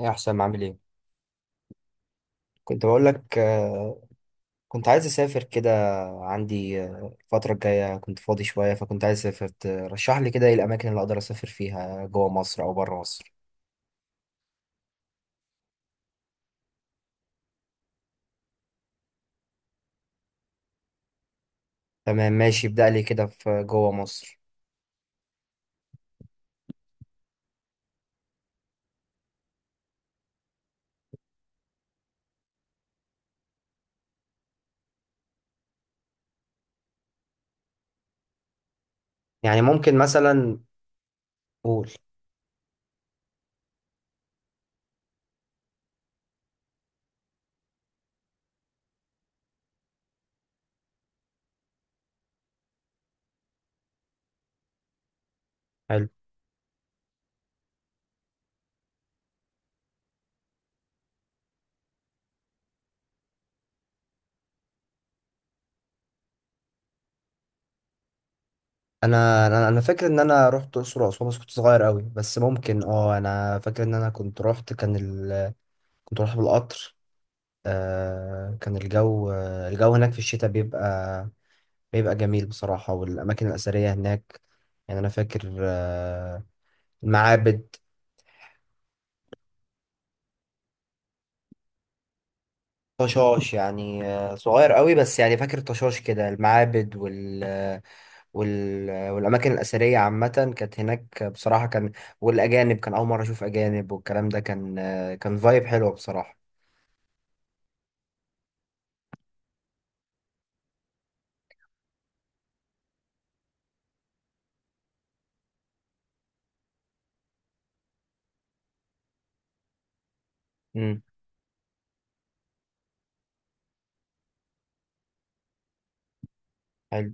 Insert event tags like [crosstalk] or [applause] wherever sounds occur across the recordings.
يا حسام، عامل ايه؟ كنت بقول لك، كنت عايز اسافر كده. عندي، الفتره الجايه كنت فاضي شويه، فكنت عايز اسافر. ترشح لي كده ايه الاماكن اللي اقدر اسافر فيها جوه مصر او بره مصر؟ تمام ماشي، ابدا لي كده في جوه مصر. يعني ممكن مثلا. قول. حلو. انا انا أنا فاكر ان انا رحت الاقصر واسوان، بس كنت صغير قوي. بس ممكن اه، انا فاكر ان انا كنت رحت بالقطر. آه، كان الجو، الجو هناك في الشتاء بيبقى جميل بصراحة، والأماكن الأثرية هناك يعني أنا فاكر. المعابد. طشاش يعني، صغير قوي، بس يعني فاكر طشاش كده المعابد وال والأماكن الأثرية عامة كانت هناك بصراحة. كان والأجانب كان أول مرة أشوف أجانب، والكلام ده كان فايب حلوة بصراحة. امم. حلو.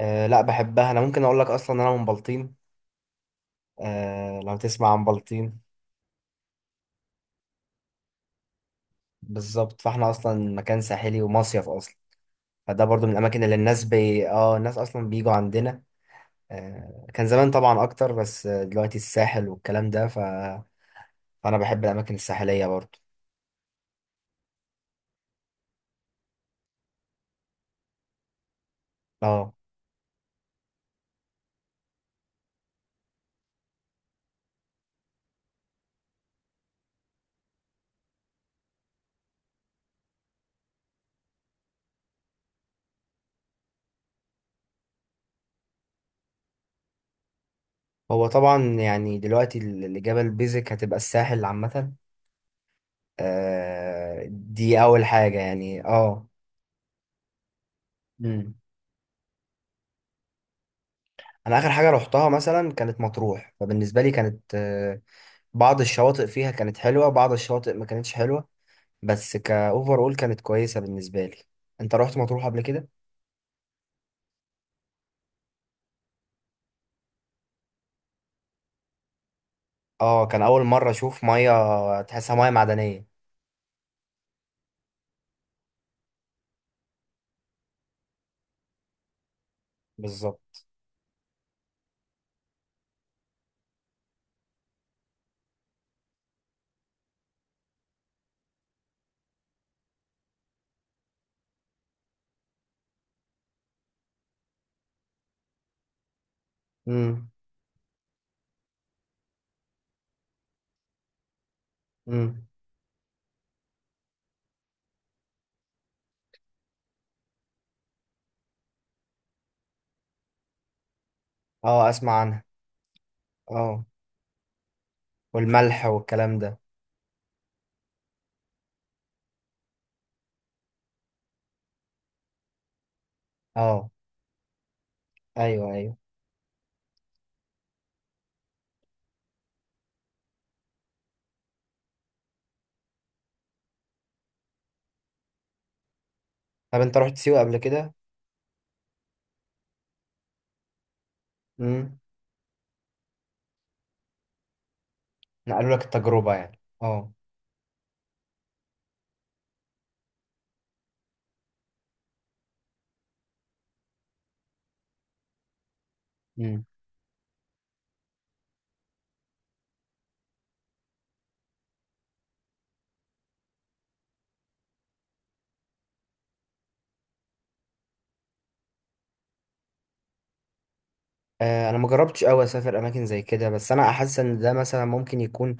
أه لا، بحبها. أنا ممكن أقول لك، أصلا أنا من بلطيم. أه، لو تسمع عن بلطيم. بالظبط، فاحنا أصلا مكان ساحلي ومصيف أصلا، فده برضو من الأماكن اللي الناس بي... اه الناس أصلا بيجوا عندنا. كان زمان طبعا أكتر، بس دلوقتي الساحل والكلام ده، فأنا بحب الأماكن الساحلية برضو. اه. هو طبعا يعني دلوقتي اللي جبل بيزك هتبقى الساحل عامة. دي أول حاجة يعني. اه. مم. أنا آخر حاجة روحتها مثلا كانت مطروح، فبالنسبة لي كانت، بعض الشواطئ فيها كانت حلوة، بعض الشواطئ ما كانتش حلوة، بس كأوفر أول كانت كويسة بالنسبة لي. أنت روحت مطروح قبل كده؟ اه، كان اول مره اشوف ميه تحسها ميه معدنيه. بالظبط. امم. امم. اه، اسمع عنها. اه، والملح والكلام ده. اه. ايوه ايوه. طب انت رحت سيوه قبل كده؟ امم. نقلوا لك التجربه يعني، اه. امم. انا ما جربتش قوي اسافر اماكن زي كده، بس انا احس ان ده مثلا ممكن يكون،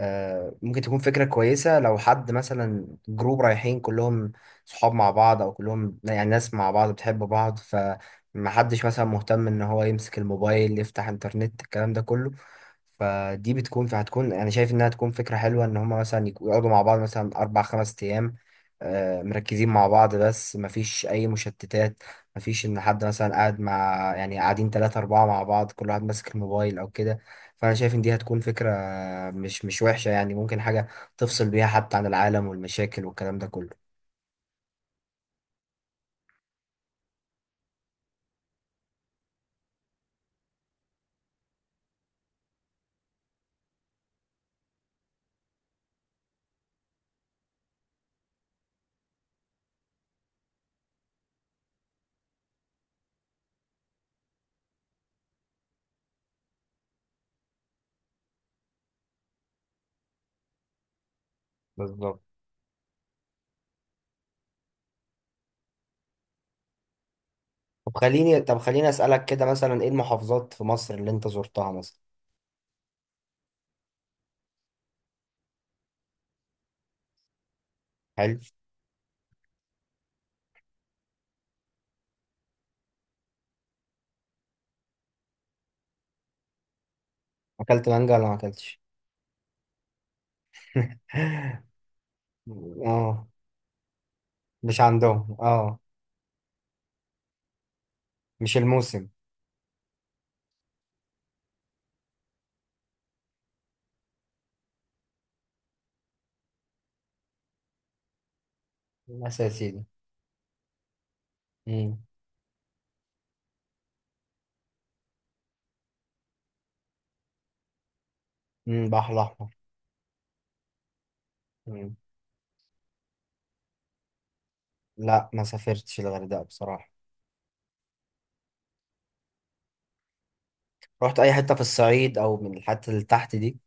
ممكن تكون فكرة كويسة لو حد مثلا جروب رايحين كلهم، صحاب مع بعض، أو كلهم يعني ناس مع بعض بتحب بعض، فمحدش مثلا مهتم إن هو يمسك الموبايل يفتح إنترنت الكلام ده كله. فدي هتكون، أنا شايف إنها تكون فكرة حلوة إن هما مثلا يقعدوا مع بعض مثلا أربع خمس أيام، مركزين مع بعض بس مفيش أي مشتتات. مفيش إن حد مثلا قاعد مع يعني قاعدين تلاتة أربعة مع بعض، كل واحد ماسك الموبايل أو كده. فانا شايف ان دي هتكون فكرة مش وحشة، يعني ممكن حاجة تفصل بيها حتى عن العالم والمشاكل والكلام ده كله. بالظبط. طب خليني اسألك كده مثلا ايه المحافظات في مصر اللي انت زرتها مثلا؟ حلو. اكلت مانجا ولا ما اكلتش؟ [laughs] اه. مش عندهم، اه، مش الموسم. بس يا سيدي. امم. امم، بحر الاحمر. مم. لا، ما سافرتش الغردقة بصراحة. رحت اي حتة في الصعيد او من الحتة اللي تحت دي؟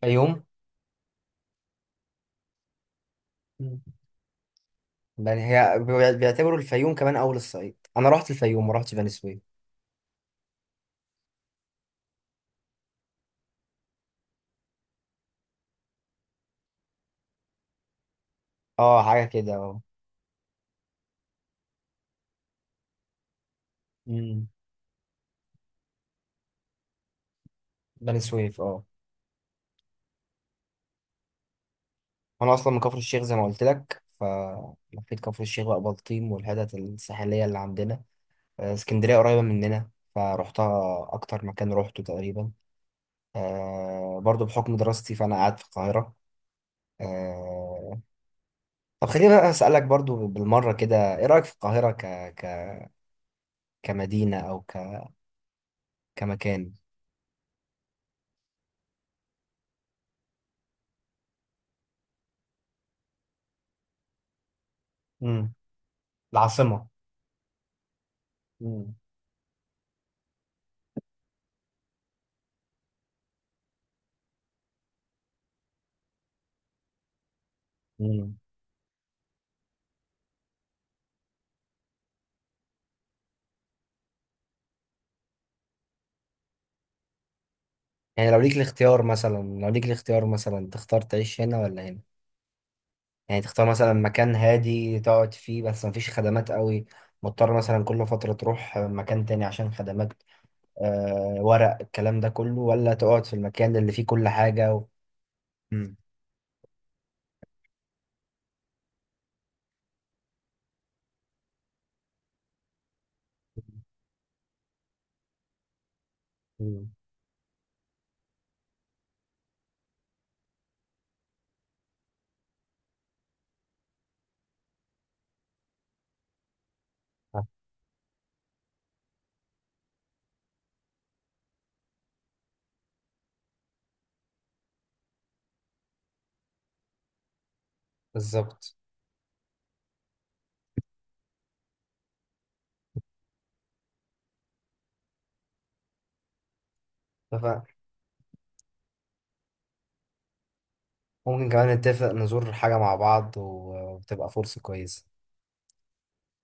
فيوم. يعني هي بيعتبروا الفيوم كمان اول الصعيد، انا رحت الفيوم ما رحتش بني سويف. اه، حاجه كده، اه. امم. بني سويف، اه. انا اصلا من كفر الشيخ زي ما قلت لك، فلفيت كفر الشيخ بقى، بلطيم والحتت الساحليه اللي عندنا. اسكندريه قريبه مننا، فروحتها اكتر مكان روحته تقريبا. برضو بحكم دراستي فانا قاعد في القاهره. آه طب خليني بقى اسالك برضو بالمره كده ايه رايك في القاهره ك... كمدينه، او كمكان؟ امم. العاصمه. امم. يعني لو ليك الاختيار مثلا تختار تعيش هنا ولا هنا؟ يعني تختار مثلا مكان هادي تقعد فيه بس مفيش خدمات قوي، مضطر مثلا كل فترة تروح مكان تاني عشان خدمات، ورق الكلام ده كله؟ ولا تقعد في المكان اللي فيه كل حاجة. مم. مم. آه، بالظبط. اتفق. ممكن كمان نتفق نزور حاجة مع بعض، و- وتبقى فرصة كويسة.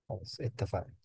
خلاص اتفقنا.